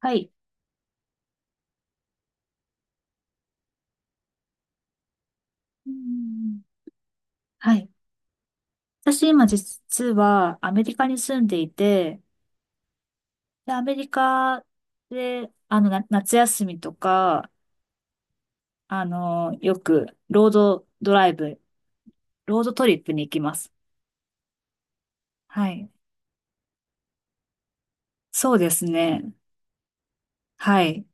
はい。うんうん、はい。私今実はアメリカに住んでいて、で、アメリカで、夏休みとか、よくロードドライブ、ロードトリップに行きます。はい。そうですね。はい。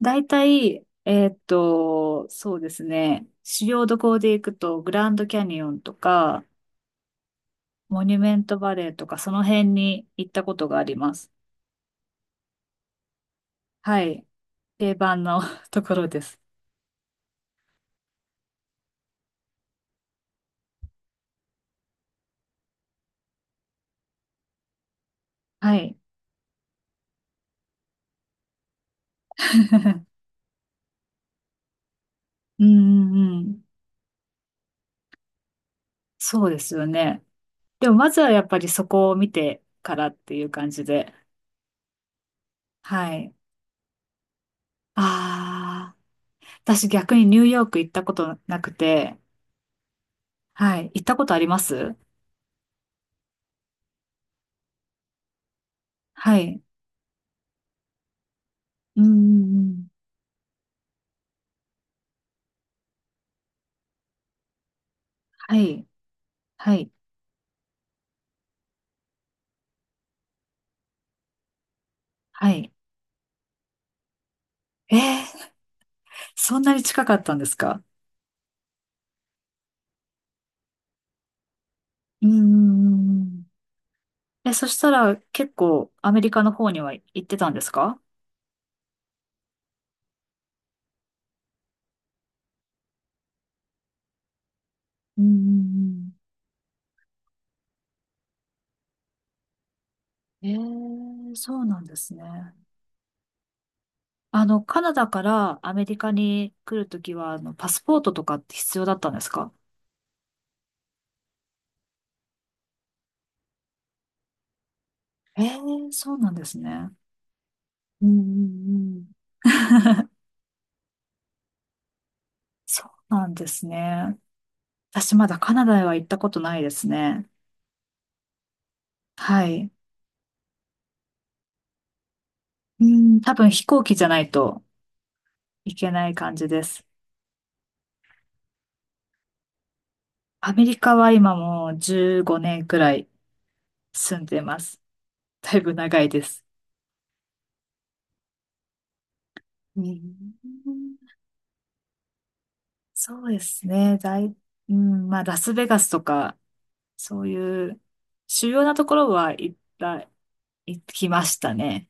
だいたい、そうですね。主要どこで行くと、グランドキャニオンとか、モニュメントバレーとか、その辺に行ったことがあります。はい。定番の ところです。はい。うんうんうん。そうですよね。でもまずはやっぱりそこを見てからっていう感じで。はい。ああ、私逆にニューヨーク行ったことなくて、はい。行ったことあります？はい。うんうんうん。はい。はい。はい。えー、そんなに近かったんですか？うんうんうんうん。え、そしたら結構アメリカの方には行ってたんですか？うんうんうん。えー、そうなんですね。カナダからアメリカに来るときは、パスポートとかって必要だったんですか？ええー、そうなんですね。うんうんうん。そうなんですね。私まだカナダへは行ったことないですね。はい。うん、多分飛行機じゃないといけない感じです。アメリカは今もう15年くらい住んでます。だいぶ長いです。うん、そうですね。うん、まあ、ラスベガスとかそういう主要なところは行きましたね。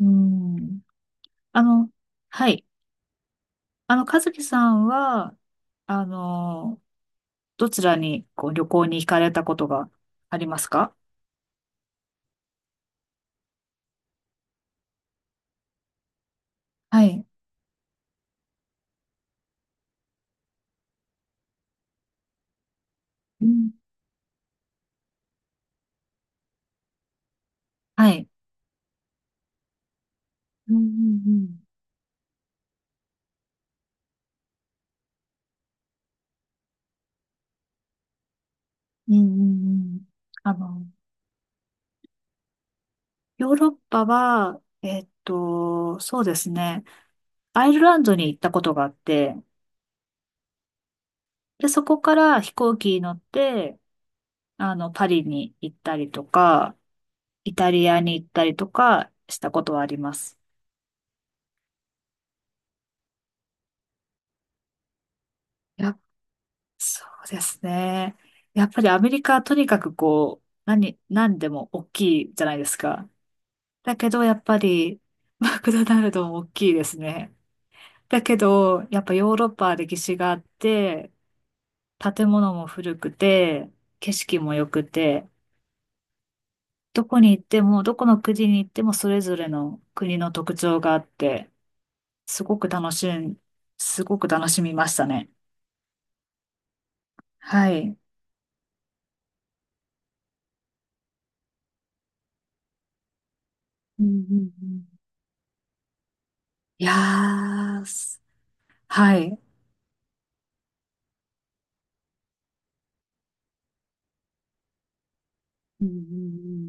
うん。あの、はい。和樹さんは、あの、どちらにこう旅行に行かれたことがありますか？はい。うん、はい。うん、うん、うん、うん、うんうんあの、ヨーロッパは、そうですね。アイルランドに行ったことがあって、で、そこから飛行機に乗って、パリに行ったりとか、イタリアに行ったりとかしたことはあります。や、そうですね。やっぱりアメリカはとにかくこう、何でも大きいじゃないですか。だけどやっぱりマクドナルドも大きいですね。だけど、やっぱヨーロッパは歴史があって、建物も古くて、景色も良くて、どこに行っても、どこの国に行ってもそれぞれの国の特徴があって、すごく楽しん、すごく楽しみましたね。はい。うんうんうん、いやー、はい。うんうん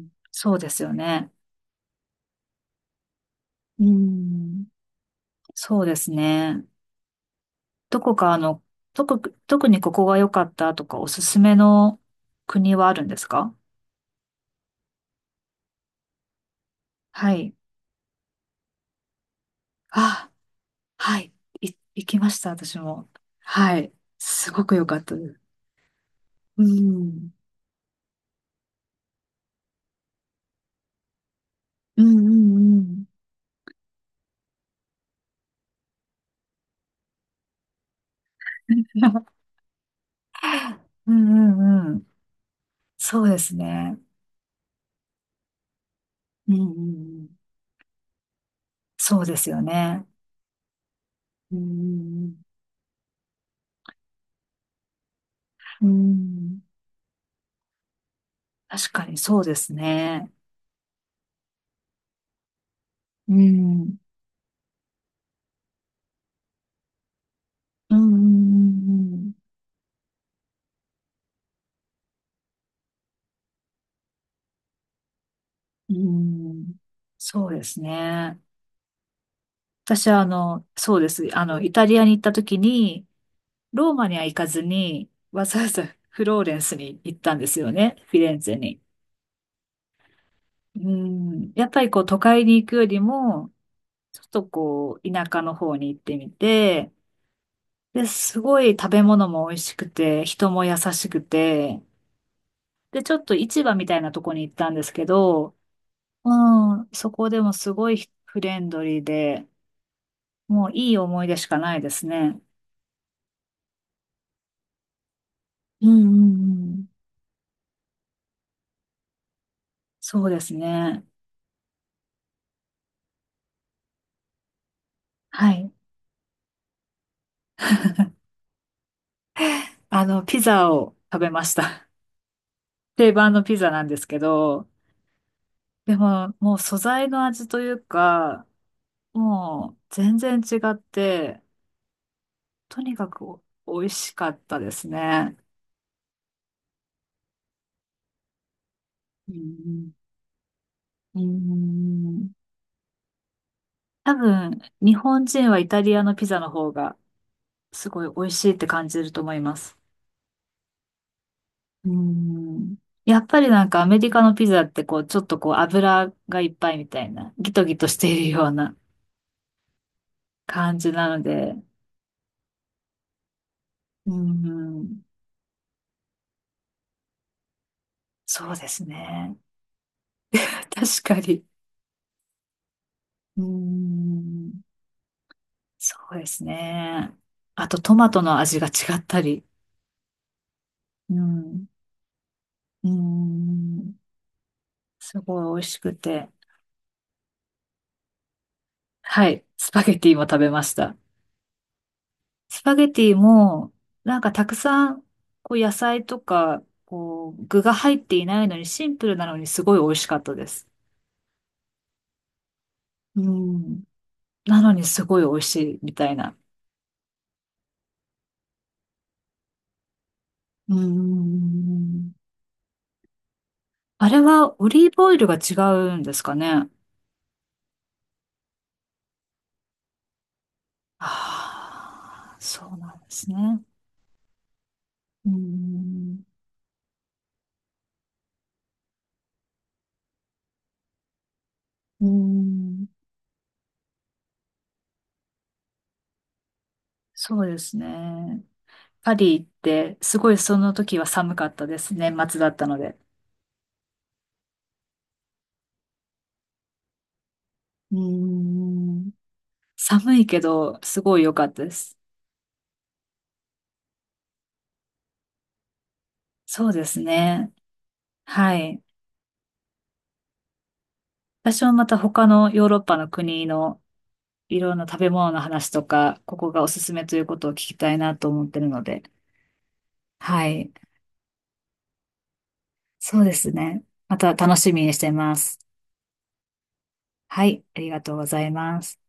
うん、そうですよね。うん、そうですね。どこか特にここが良かったとかおすすめの国はあるんですか？はい。あ、はい。行きました、私も。はい。すごく良かったです。うん。うんうんうん うんうんうん。そうですね。うんうんうん、そうですよね。うんうんうん、うん、確かにそうですね。うん、うんうんうんうん、うん、そうですね。私はそうです。イタリアに行った時に、ローマには行かずに、わざわざ フローレンスに行ったんですよね。フィレンツェに。うん、やっぱりこう都会に行くよりも、ちょっとこう田舎の方に行ってみて、で、すごい食べ物も美味しくて、人も優しくて、で、ちょっと市場みたいなとこに行ったんですけど、うん、そこでもすごいフレンドリーで、もういい思い出しかないですね。うんうんうん。そうですね。はい。ピザを食べました。定番のピザなんですけど、でも、もう素材の味というか、もう全然違って、とにかくお美味しかったですね。うんうんうーん、多分、日本人はイタリアのピザの方がすごい美味しいって感じると思います。うーん。やっぱりなんかアメリカのピザってこう、ちょっとこう油がいっぱいみたいな、ギトギトしているような感じなので、うーん。そうですね。確かに。うーん。そうですね。あとトマトの味が違ったり、うん。うーん。すごい美味しくて。はい。スパゲティも食べました。スパゲティも、なんかたくさん、こう野菜とか、こう具が入っていないのにシンプルなのにすごい美味しかったです。うん。なのにすごい美味しいみたいな。うん。あれはオリーブオイルが違うんですかね。ああ、そうなんですね。うん。うん。そうですね。パリ行って、すごいその時は寒かったです。年末だったので。うーん。寒いけど、すごい良かったです。そうですね。はい。私はまた他のヨーロッパの国のいろんな食べ物の話とか、ここがおすすめということを聞きたいなと思ってるので。はい。そうですね。また楽しみにしてます。はい。ありがとうございます。